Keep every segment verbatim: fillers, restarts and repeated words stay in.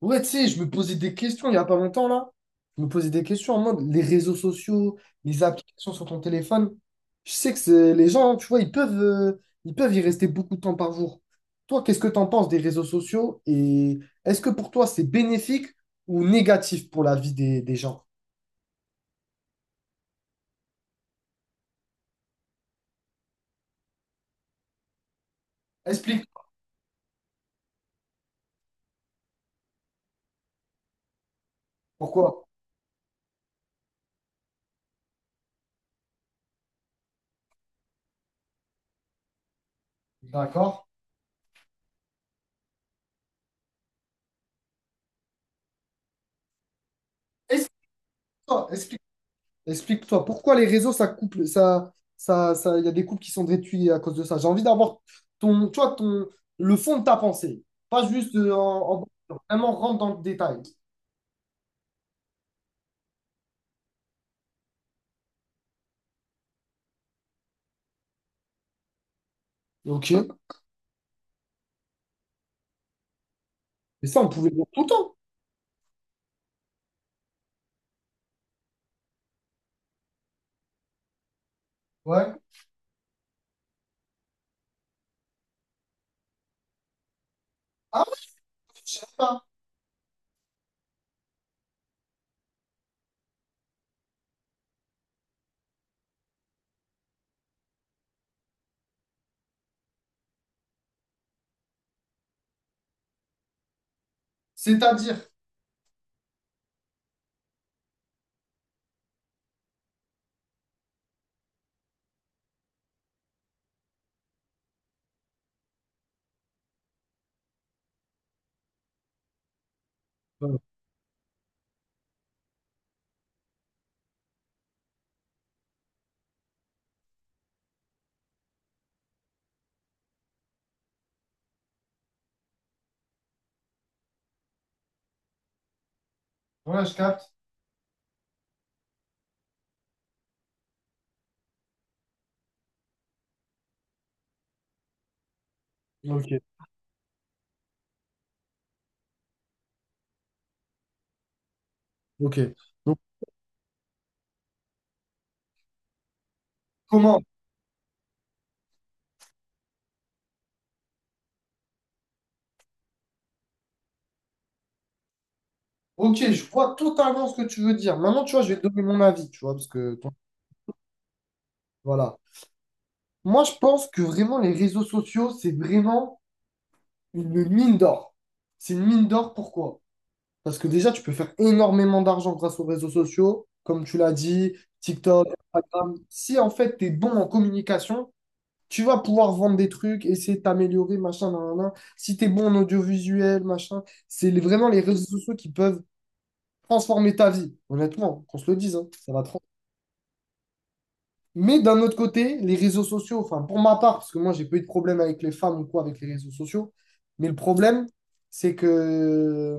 Ouais, tu sais, je me posais des questions il n'y a pas longtemps, là. Je me posais des questions en mode les réseaux sociaux, les applications sur ton téléphone. Je sais que c'est- les gens, tu vois, ils peuvent, euh, ils peuvent y rester beaucoup de temps par jour. Toi, qu'est-ce que tu en penses des réseaux sociaux et est-ce que pour toi, c'est bénéfique ou négatif pour la vie des, des gens? Explique pourquoi. D'accord. Explique-toi, explique-toi Explique-toi, pourquoi les réseaux, ça couple, ça, ça, ça, il y a des couples qui sont détruits à cause de ça. J'ai envie d'avoir ton, tu vois, ton, le fond de ta pensée, pas juste euh, en, en- vraiment rentre dans le détail. Ok. Mais ça, on pouvait le dire tout le temps. Ouais. Ah ouais, je sais pas. C'est-à-dire. Euh, Ouais, je capte. Ok. Ok. Donc, comment? Ok, je vois totalement ce que tu veux dire. Maintenant, tu vois, je vais te donner mon avis, tu vois, parce que, voilà. Moi, je pense que vraiment, les réseaux sociaux, c'est vraiment une mine d'or. C'est une mine d'or, pourquoi? Parce que déjà, tu peux faire énormément d'argent grâce aux réseaux sociaux, comme tu l'as dit, TikTok, Instagram. Si en fait, tu es bon en communication, tu vas pouvoir vendre des trucs, essayer de t'améliorer, machin, nan, nan, nan. Si tu es bon en audiovisuel, machin, c'est les- vraiment les réseaux sociaux qui peuvent transformer ta vie. Honnêtement, qu'on se le dise, hein, ça va. Mais d'un autre côté, les réseaux sociaux, enfin pour ma part, parce que moi j'ai pas eu de problème avec les femmes ou quoi avec les réseaux sociaux, mais le problème, c'est que,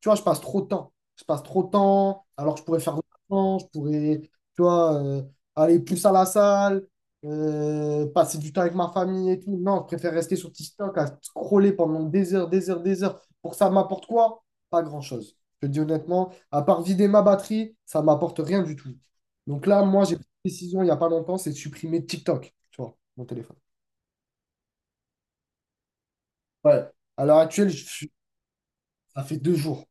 tu vois, je passe trop de temps. Je passe trop de temps, alors que je pourrais faire de l'argent, je pourrais, tu vois, euh, aller plus à la salle, euh, passer du temps avec ma famille et tout. Non, je préfère rester sur TikTok à scroller pendant des heures, des heures, des heures. Pour ça, ça m'apporte quoi? Pas grand-chose. Je te dis honnêtement, à part vider ma batterie, ça m'apporte rien du tout. Donc là, moi, j'ai décision il n'y a pas longtemps, c'est de supprimer TikTok, tu vois, mon téléphone. Ouais. À l'heure actuelle, je suis- ça fait deux jours.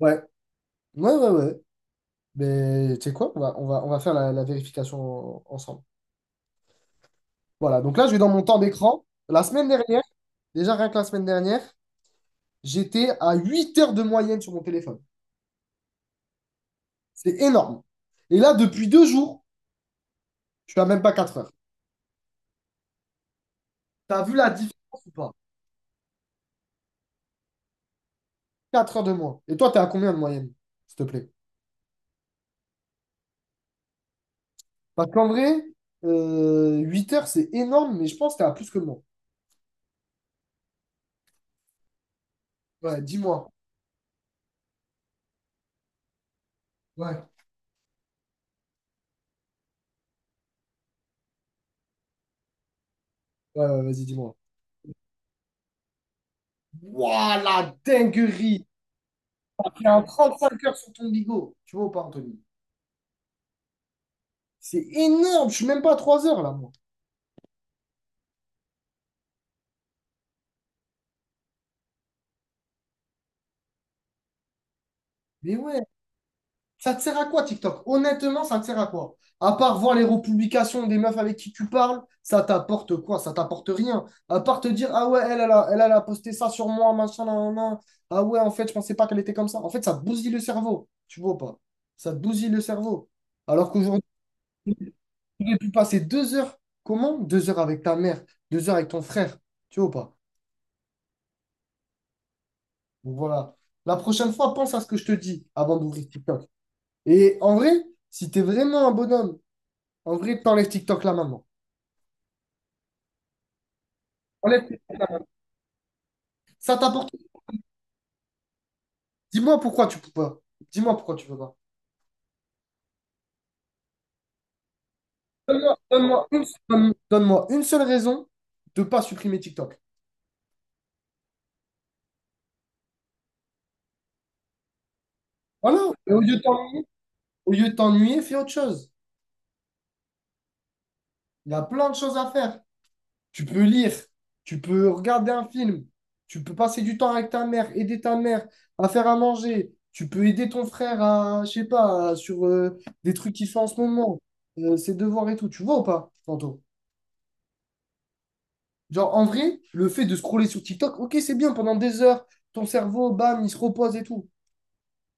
Ouais, ouais, ouais, ouais. Mais tu sais quoi? On va, on va, on va faire la, la vérification en- ensemble. Voilà, donc là, je vais dans mon temps d'écran. La semaine dernière, déjà rien que la semaine dernière, j'étais à huit heures de moyenne sur mon téléphone. C'est énorme. Et là, depuis deux jours, je suis à même pas quatre heures. T'as vu la différence ou pas? Quatre heures de moins. Et toi, t'es à combien de moyenne, s'il te plaît? Parce qu'en vrai, euh, huit heures, c'est énorme, mais je pense que t'as plus que le monde. Ouais, dis-moi. Ouais, ouais, ouais, vas-y, dis-moi. Waouh, la dinguerie! T'as fait un cinq heures sur ton bigot. Tu vois ou pas, Anthony? C'est énorme, je suis même pas à trois heures là, moi. Mais ouais. Ça te sert à quoi, TikTok? Honnêtement, ça te sert à quoi? À part voir les republications des meufs avec qui tu parles, ça t'apporte quoi? Ça t'apporte rien. À part te dire, ah ouais, elle, elle a, elle, elle a posté ça sur moi, machin, nan, nan, nan. Ah ouais, en fait, je pensais pas qu'elle était comme ça. En fait, ça te bousille le cerveau. Tu vois ou pas? Ça te bousille le cerveau. Alors qu'aujourd'hui, tu aurais pu passer deux heures. Comment? Deux heures avec ta mère, deux heures avec ton frère. Tu vois ou pas? Donc voilà. La prochaine fois, pense à ce que je te dis avant d'ouvrir TikTok. Et en vrai, si tu es vraiment un bonhomme. En vrai, t'enlèves TikTok là maintenant. Enlève-. Ça t'apporte. Dis-moi pourquoi tu peux pas. Dis-moi pourquoi tu peux pas. Donne-moi donne-moi une, donne- donne-moi une seule raison de pas supprimer TikTok. Voilà. Et au lieu de t'ennuyer, au lieu de t'ennuyer, fais autre chose. Il y a plein de choses à faire. Tu peux lire, tu peux regarder un film, tu peux passer du temps avec ta mère, aider ta mère à faire à manger, tu peux aider ton frère à, je sais pas, à- sur euh, des trucs qu'il fait en ce moment, euh, ses devoirs et tout. Tu vois ou pas, tantôt. Genre, en vrai, le fait de scroller sur TikTok, ok, c'est bien pendant des heures, ton cerveau, bam, il se repose et tout.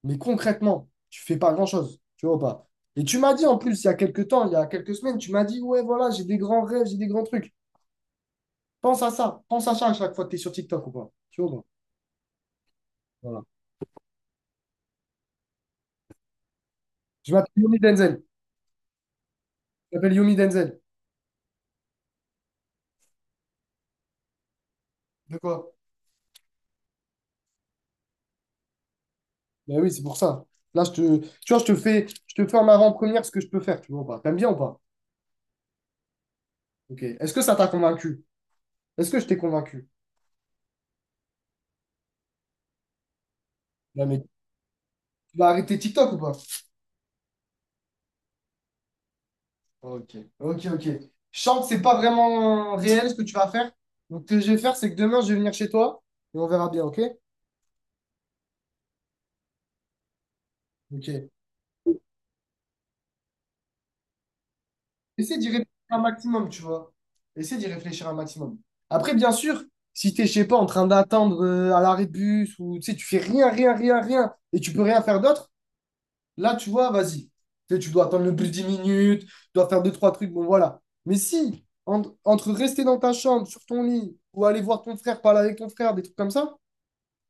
Mais concrètement, tu fais pas grand-chose, tu vois ou pas. Et tu m'as dit en plus, il y a quelques temps, il y a quelques semaines, tu m'as dit, ouais, voilà, j'ai des grands rêves, j'ai des grands trucs. Pense à ça, pense à ça à chaque fois que tu es sur TikTok ou pas. Tu vois ou pas? Voilà. Je m'appelle Yomi Denzel. Je m'appelle Yomi Denzel. De quoi? Ben oui, c'est pour ça. Là, je te, tu vois, je te fais, je te fais en avant-première ce que je peux faire, tu vois ou pas. T'aimes bien ou pas? Ok. Est-ce que ça t'a convaincu? Est-ce que je t'ai convaincu? Non, mais tu vas arrêter TikTok ou pas? Ok, ok, ok. Je sens que c'est pas vraiment réel ce que tu vas faire. Donc, ce que je vais faire, c'est que demain, je vais venir chez toi et on verra bien, ok? Ok. Essaie d'y réfléchir un maximum, tu vois. Essaie d'y réfléchir un maximum. Après, bien sûr, si t'es, je sais pas, en train d'attendre euh, à l'arrêt de bus ou tu sais, tu fais rien, rien, rien, rien et tu peux rien faire d'autre, là, tu vois, vas-y. Tu sais, tu dois attendre le plus de dix minutes, tu dois faire deux, trois trucs, bon, voilà. Mais si, en- entre rester dans ta chambre, sur ton lit ou aller voir ton frère, parler avec ton frère, des trucs comme ça,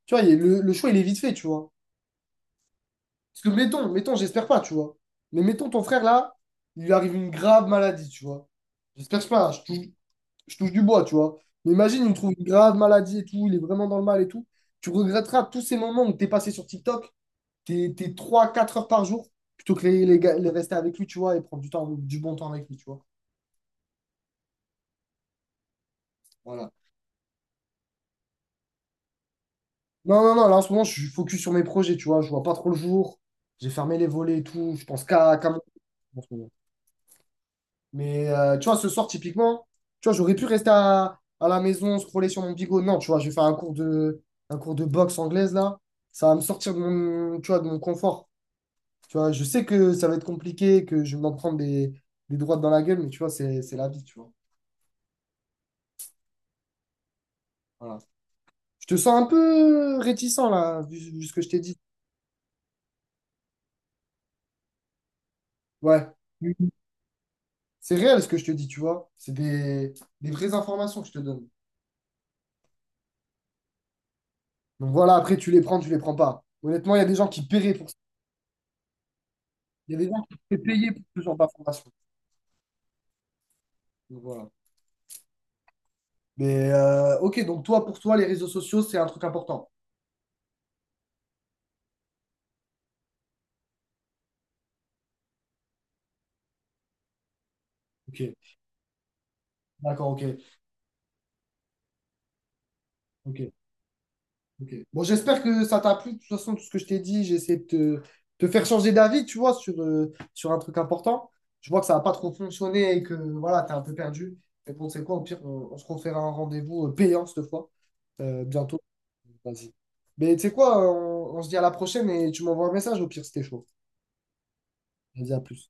tu vois, il- le, le choix, il est vite fait, tu vois. Parce que mettons, mettons, j'espère pas, tu vois. Mais mettons, ton frère, là, il lui arrive une grave maladie, tu vois. J'espère pas, je touche, je touche du bois, tu vois. Mais imagine, il me trouve une grave maladie et tout, il est vraiment dans le mal et tout. Tu regretteras tous ces moments où t'es passé sur TikTok, t'es, t'es trois quatre heures par jour, plutôt que les, les, gars- les rester avec lui, tu vois, et prendre du temps, du bon temps avec lui, tu vois. Voilà. Non, non, non, là, en ce moment, je suis focus sur mes projets, tu vois. Je vois pas trop le jour. J'ai fermé les volets et tout. Je pense qu'à qu'à mon... Mais euh, tu vois, ce soir, typiquement, tu vois, j'aurais pu rester à, à la maison, scroller sur mon bigot. Non, tu vois, je vais faire un cours de, un cours de boxe anglaise, là. Ça va me sortir de mon, tu vois, de mon confort. Tu vois, je sais que ça va être compliqué, que je vais m'en prendre des, des droites dans la gueule, mais tu vois, c'est, c'est la vie, tu vois. Voilà. Je te sens un peu réticent, là, vu, vu ce que je t'ai dit. Ouais. C'est réel ce que je te dis, tu vois. C'est des, des vraies informations que je te donne. Donc voilà, après, tu les prends, tu les prends pas. Honnêtement, il y a des gens qui paieraient pour. Il y a des gens qui étaient payés pour ce genre d'informations. Donc, voilà. Mais euh, ok, donc toi, pour toi, les réseaux sociaux, c'est un truc important. Ok, d'accord, ok, ok, ok. Bon, j'espère que ça t'a plu. De toute façon, tout ce que je t'ai dit, j'ai essayé de te, te faire changer d'avis, tu vois, sur, euh, sur un truc important. Je vois que ça n'a pas trop fonctionné et que voilà, t'es un peu perdu. Mais bon, c'est quoi, au pire, on, on se refera un rendez-vous euh, payant cette fois, euh, bientôt. Vas-y. Mais tu sais quoi, on, on se dit à la prochaine et tu m'envoies un message au pire, c'était chaud. Vas-y, à plus.